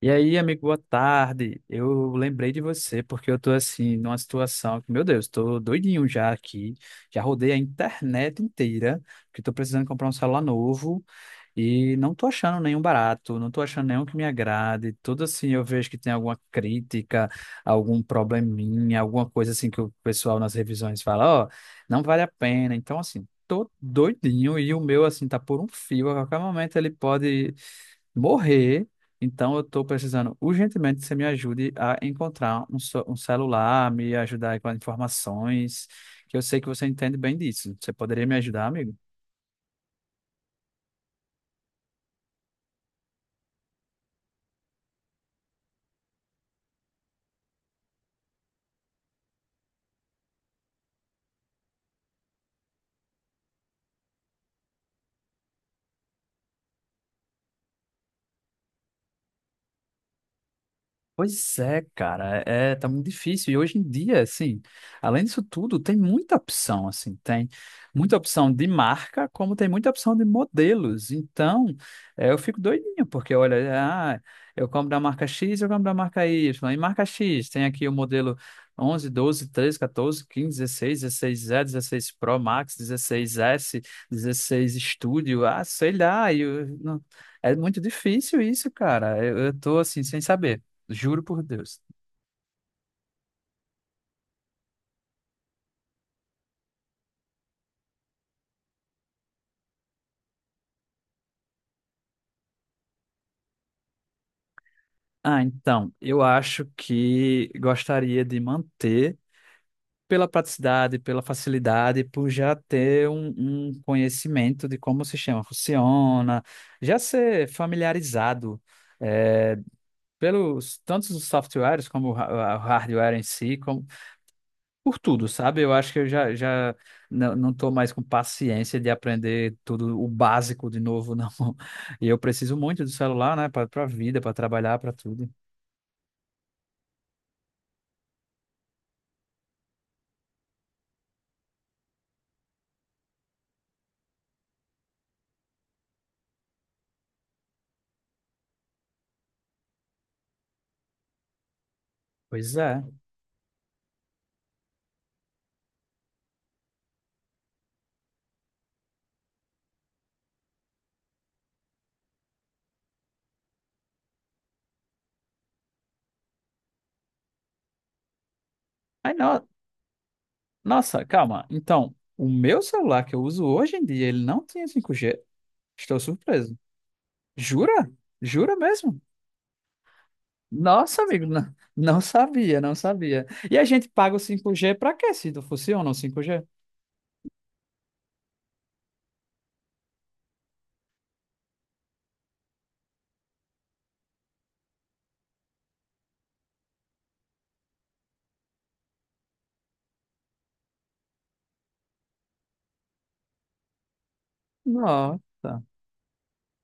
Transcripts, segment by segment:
E aí, amigo, boa tarde. Eu lembrei de você porque eu tô assim numa situação que, meu Deus, tô doidinho já aqui. Já rodei a internet inteira, porque tô precisando comprar um celular novo e não tô achando nenhum barato, não tô achando nenhum que me agrade. Tudo assim, eu vejo que tem alguma crítica, algum probleminha, alguma coisa assim que o pessoal nas revisões fala, ó, não vale a pena. Então, assim, tô doidinho e o meu assim tá por um fio, a qualquer momento ele pode morrer. Então, eu estou precisando urgentemente que você me ajude a encontrar um celular, me ajudar aí com as informações, que eu sei que você entende bem disso. Você poderia me ajudar, amigo? Pois é, cara, tá muito difícil. E hoje em dia, assim, além disso tudo, tem muita opção, assim, tem muita opção de marca, como tem muita opção de modelos. Então, eu fico doidinho, porque olha, ah, eu compro da marca X, eu compro da marca Y. E marca X, tem aqui o modelo 11 12 13, catorze quinze dezesseis dezesseis e 16 Pro Max, 16 s 16 Studio, ah, sei lá. É muito difícil isso, cara. Eu tô, assim, sem saber. Juro por Deus. Ah, então, eu acho que gostaria de manter pela praticidade, pela facilidade, por já ter um conhecimento de como o sistema funciona, já ser familiarizado eh, pelos tantos os softwares como o o hardware em si, como, por tudo, sabe? Eu acho que eu já, já não estou mais com paciência de aprender tudo o básico de novo, não. E eu preciso muito do celular, né, para a vida, para trabalhar, para tudo. Pois é. Ai, no... Nossa, calma. Então, o meu celular que eu uso hoje em dia, ele não tinha cinco g. Estou surpreso. Jura? Jura mesmo? Nossa, amigo, não sabia, não sabia. E a gente paga o cinco g para quê, se não funciona o cinco g? Nossa,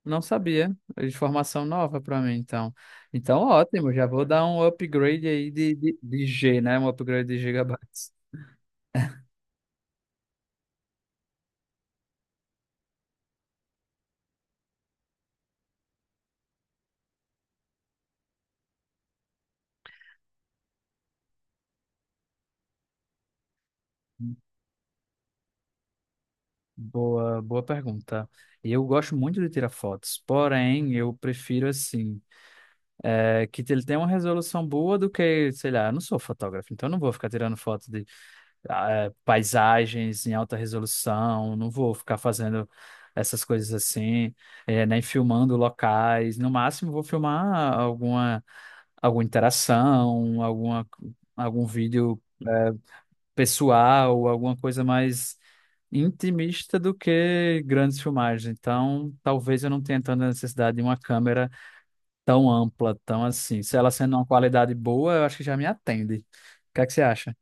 não sabia. É informação nova para mim, então. Então, ótimo, já vou dar um upgrade aí de G, né? Um upgrade de gigabytes. Boa, boa pergunta. Eu gosto muito de tirar fotos, porém eu prefiro assim, é, que ele tenha uma resolução boa do que, sei lá, eu não sou fotógrafo, então eu não vou ficar tirando foto de ah, é, paisagens em alta resolução, não vou ficar fazendo essas coisas assim, é, nem filmando locais. No máximo vou filmar alguma, alguma interação, alguma, algum vídeo. É, pessoal, alguma coisa mais intimista do que grandes filmagens. Então, talvez eu não tenha tanta necessidade de uma câmera tão ampla, tão assim. Se ela sendo uma qualidade boa, eu acho que já me atende. O que é que você acha?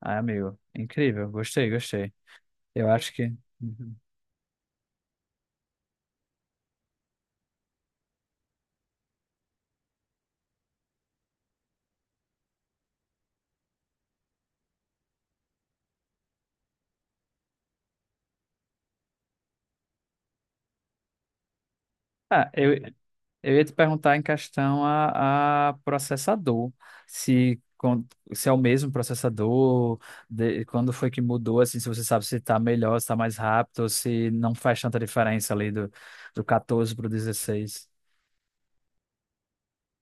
Ah, amigo, incrível. Gostei, gostei. Eu acho que. Uhum. Ah, eu, eu ia te perguntar em questão a processador, se, con- se é o mesmo processador, de- quando foi que mudou, assim, se você sabe se está melhor, se está mais rápido, ou se não faz tanta diferença ali do 14 para o 16.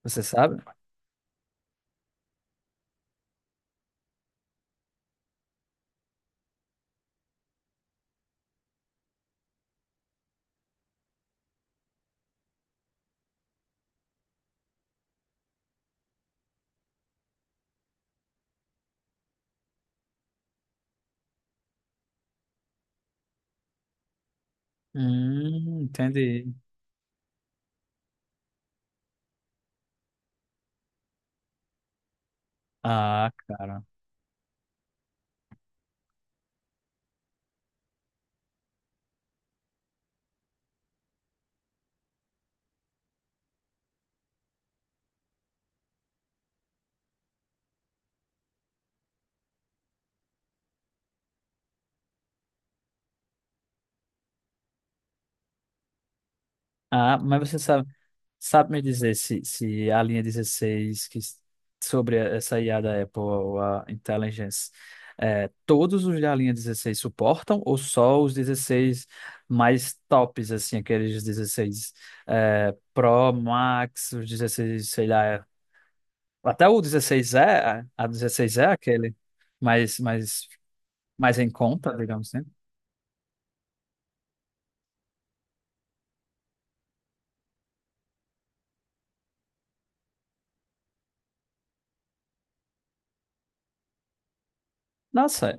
Você sabe? Entendi. Ah, cara. Ah, mas você sabe. Sabe me dizer se a linha 16, sobre essa IA da Apple, ou a Intelligence, é, todos os da linha 16 suportam ou só os 16 mais tops, assim, aqueles 16 é, Pro, Max, os 16, sei lá, até o 16E, a 16E é aquele mais, mais, mais em conta, digamos assim. Nossa,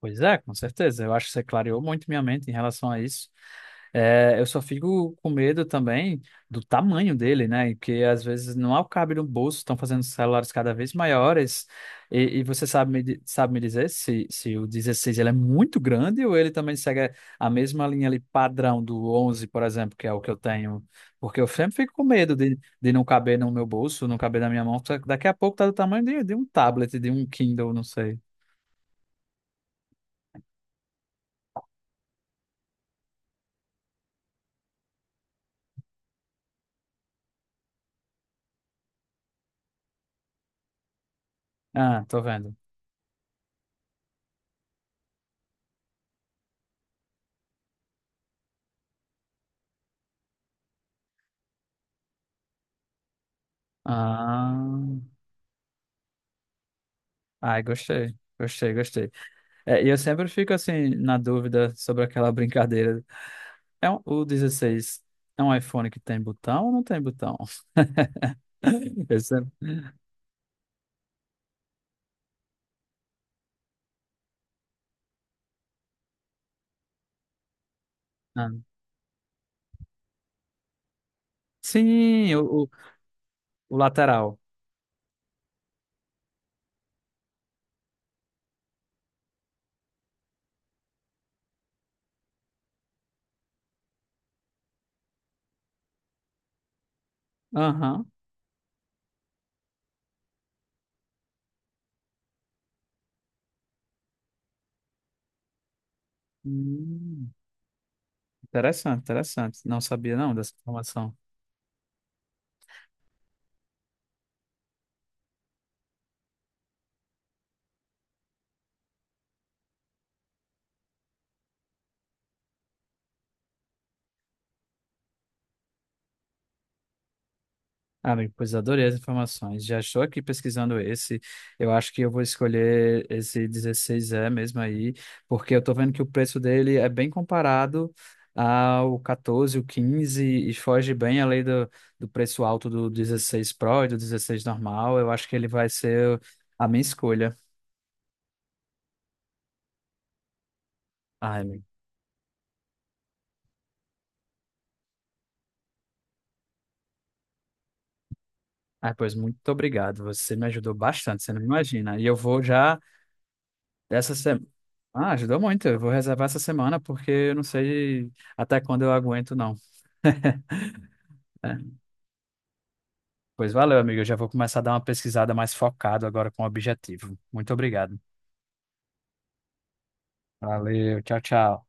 pois é, com certeza. Eu acho que você clareou muito minha mente em relação a isso. É, eu só fico com medo também do tamanho dele, né? Que às vezes não há o alcabe no bolso, estão fazendo celulares cada vez maiores. E você sabe sabe me dizer se, se o 16 ele é muito grande ou ele também segue a mesma linha ali padrão do 11, por exemplo, que é o que eu tenho? Porque eu sempre fico com medo de não caber no meu bolso, não caber na minha mão. Só que daqui a pouco tá do tamanho de um tablet, de um Kindle, não sei. Ah, tô vendo. Ah, ai, gostei, gostei, gostei. É, e eu sempre fico assim na dúvida sobre aquela brincadeira. O 16 é um iPhone que tem botão ou não tem botão? Eu sempre- ah, sim, o lateral. Aham. Hum, interessante, interessante. Não sabia não dessa informação. Ah, amigo, pois adorei as informações. Já estou aqui pesquisando esse. Eu acho que eu vou escolher esse 16E mesmo aí, porque eu estou vendo que o preço dele é bem comparado ao 14, o 15 e foge bem além do, do preço alto do 16 Pro e do 16 normal. Eu acho que ele vai ser a minha escolha. Ai, amigo. Ah, pois muito obrigado. Você me ajudou bastante, você não imagina. E eu vou já essa semana. Ah, ajudou muito. Eu vou reservar essa semana porque eu não sei até quando eu aguento, não. É. Pois valeu, amigo. Eu já vou começar a dar uma pesquisada mais focada agora com o objetivo. Muito obrigado. Valeu, tchau, tchau.